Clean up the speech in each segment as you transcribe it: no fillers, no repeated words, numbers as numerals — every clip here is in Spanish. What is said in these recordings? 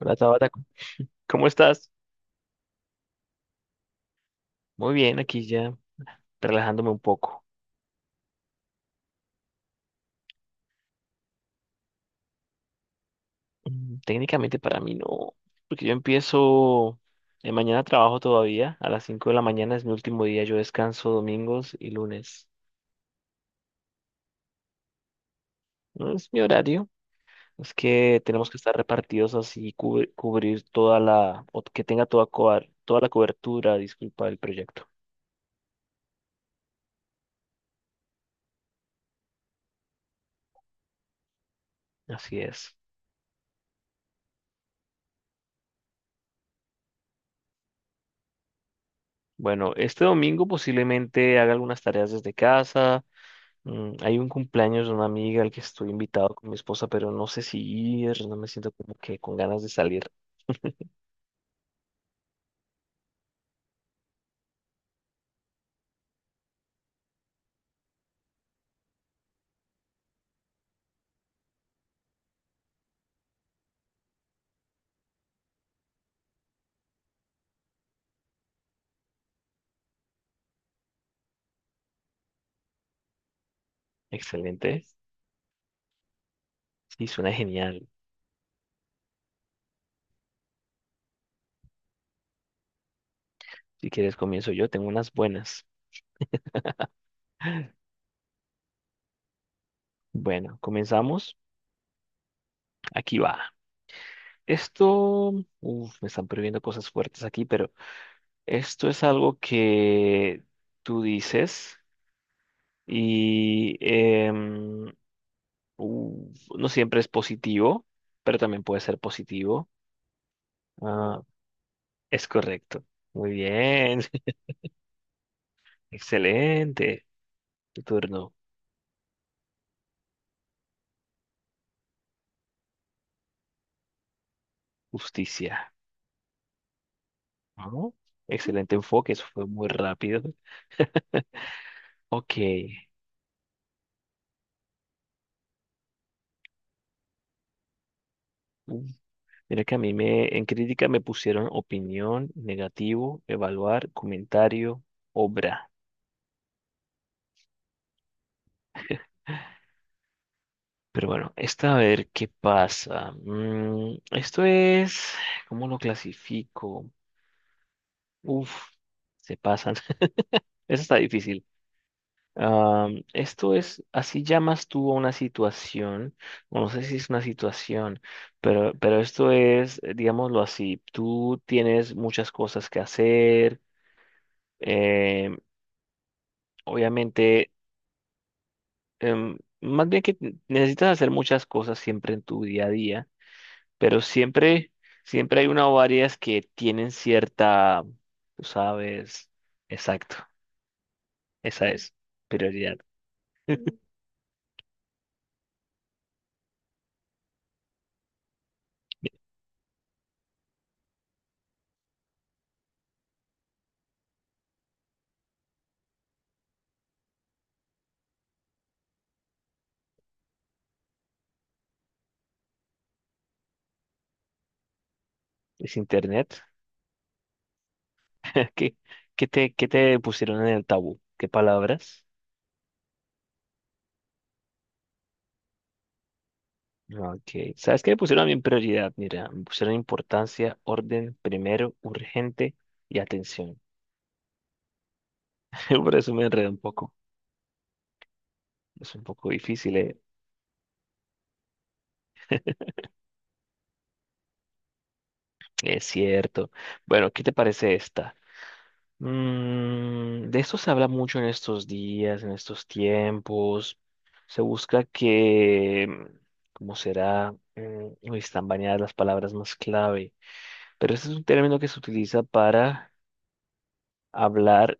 Hola Tabata, ¿cómo estás? Muy bien, aquí ya relajándome un poco. Técnicamente para mí no, porque yo empiezo, mañana trabajo todavía, a las 5 de la mañana es mi último día, yo descanso domingos y lunes. No es mi horario, es que tenemos que estar repartidos así, cubrir toda la, o que tenga toda, toda la cobertura, disculpa, del proyecto. Así es. Bueno, este domingo posiblemente haga algunas tareas desde casa. Hay un cumpleaños de una amiga al que estoy invitado con mi esposa, pero no sé si ir, no me siento como que con ganas de salir. Excelente. Sí, suena genial. Si quieres, comienzo yo, tengo unas buenas. Bueno, comenzamos. Aquí va. Esto, uf, me están prohibiendo cosas fuertes aquí, pero esto es algo que tú dices y no siempre es positivo, pero también puede ser positivo. Ah, es correcto. Muy bien. Excelente. Tu turno. Justicia. Ajá. Excelente enfoque. Eso fue muy rápido. Ok. Mm. Mira que en crítica me pusieron opinión, negativo, evaluar, comentario, obra. Pero bueno, esta a ver qué pasa. Esto es, ¿cómo lo clasifico? Uf, se pasan. Eso está difícil. Esto es, así llamas tú a una situación, o no sé si es una situación, pero esto es, digámoslo así, tú tienes muchas cosas que hacer, em, obviamente, más bien que necesitas hacer muchas cosas siempre en tu día a día, pero siempre, siempre hay una o varias que tienen cierta, tú sabes, exacto, esa es, prioridad. ¿Es internet? ¿Qué, ¿qué te pusieron en el tabú? ¿Qué palabras? Ah, ok. ¿Sabes qué me pusieron a mí en prioridad? Mira, me pusieron importancia, orden, primero, urgente y atención. Por eso me enredé un poco. Es un poco difícil, ¿eh? Es cierto. Bueno, ¿qué te parece esta? De esto se habla mucho en estos días, en estos tiempos. Se busca que, ¿cómo será? Uy, están bañadas las palabras más clave. Pero ese es un término que se utiliza para hablar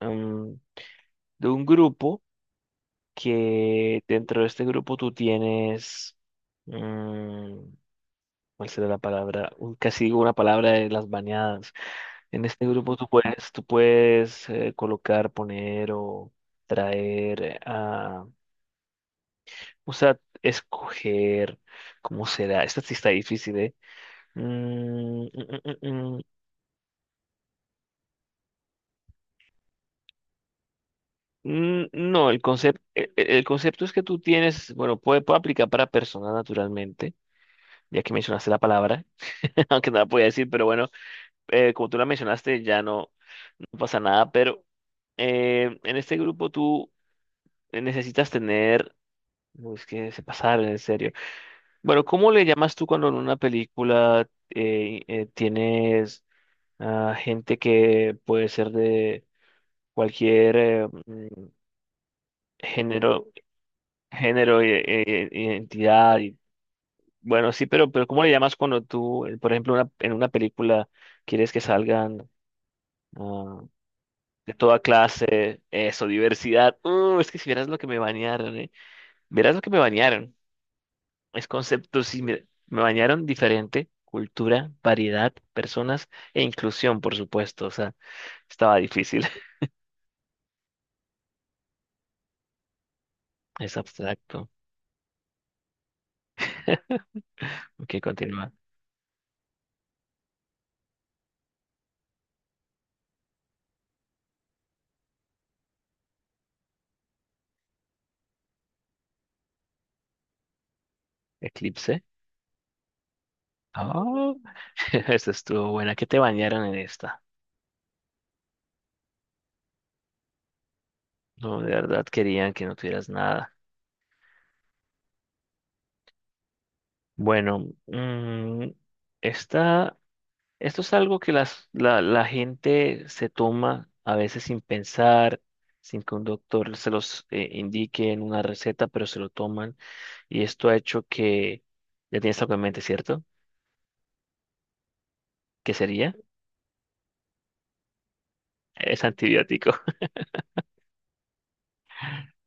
mm, de un grupo que dentro de este grupo tú tienes, mm, ¿cuál será la palabra? Casi digo una palabra de las bañadas. En este grupo tú puedes colocar, poner o traer, o sea, escoger, ¿cómo será? Esta sí está difícil, ¿eh? Mm, mm, mm, mm, mm. No, el concepto es que tú tienes, bueno, puede aplicar para personas naturalmente, ya que mencionaste la palabra, aunque no la podía decir, pero bueno, como tú la mencionaste, no pasa nada, pero en este grupo tú necesitas tener, no, es que se pasaron, en serio. Bueno, ¿cómo le llamas tú cuando en una película tienes gente que puede ser de cualquier género? Género, identidad, y, bueno, sí, pero ¿cómo le llamas cuando tú, por ejemplo, en una película quieres que salgan ah, de toda clase, eso, ¿diversidad? Es que si vieras lo que me bañaron, ¿eh? Verás lo que me bañaron. Es concepto, sí, me bañaron diferente, cultura, variedad, personas e inclusión, por supuesto. O sea, estaba difícil. Es abstracto. Ok, continúa. Eclipse. Oh, esa estuvo buena. ¿Qué te bañaron en esta? No, de verdad querían que no tuvieras nada. Bueno, esta, esto es algo que la gente se toma a veces sin pensar, sin que un doctor se los indique en una receta, pero se lo toman. Y esto ha hecho que, ya tienes algo en mente, ¿cierto? ¿Qué sería? Es antibiótico.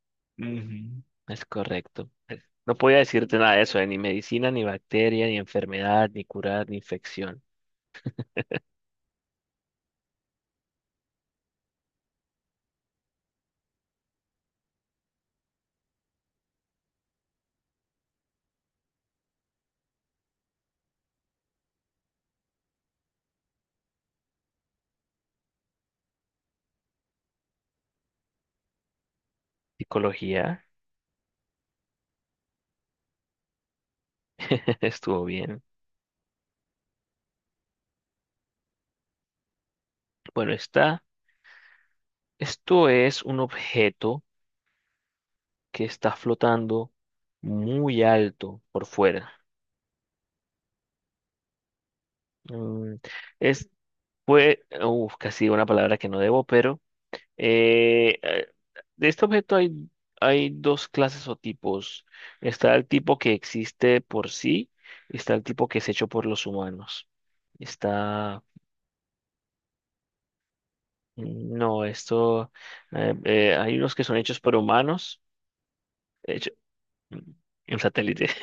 Ujú. Es correcto. No podía decirte nada de eso, de ni medicina, ni bacteria, ni enfermedad, ni curar, ni infección. Psicología, estuvo bien. Bueno, está. Esto es un objeto que está flotando muy alto por fuera. Mm, es, fue, uf, casi digo una palabra que no debo, pero eh, eh, de este objeto hay, hay dos clases o tipos. Está el tipo que existe por sí y está el tipo que es hecho por los humanos. Está, no, esto, hay unos que son hechos por humanos, hecho, un satélite.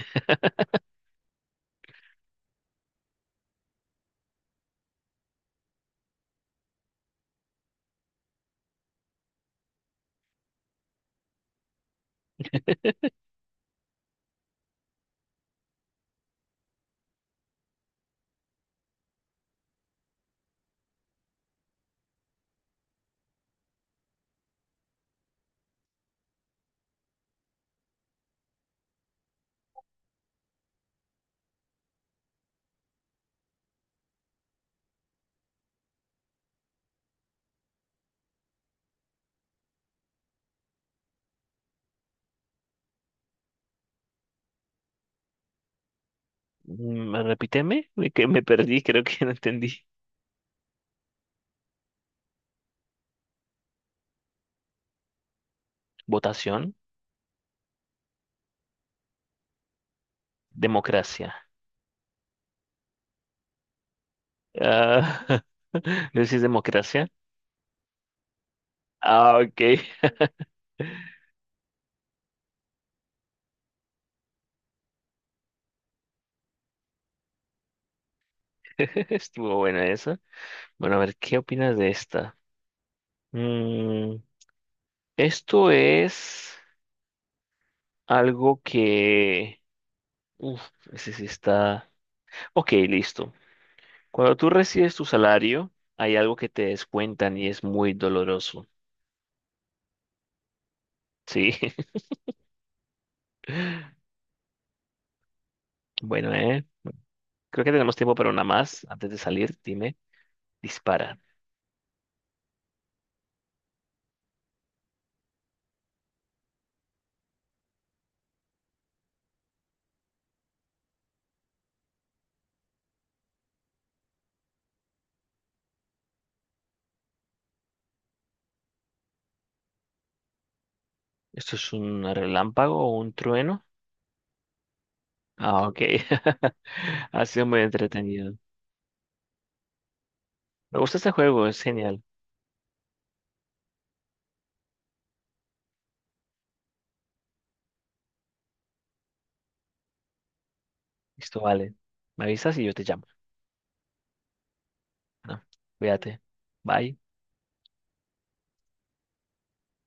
Repíteme, que me perdí, creo que no entendí. Votación, democracia. Ah, no sé si es democracia. Ah, ok. Estuvo buena esa. Bueno, a ver, ¿qué opinas de esta? Mm, esto es algo que... Uf, ese sí está... Ok, listo. Cuando tú recibes tu salario, hay algo que te descuentan y es muy doloroso. Sí. Bueno, Creo que tenemos tiempo para una más. Antes de salir, dime, dispara. ¿Esto es un relámpago o un trueno? Ah, ok. Ha sido muy entretenido. Me gusta este juego, es genial. Listo, vale. Me avisas y yo te llamo. ¿No? Cuídate. Bye.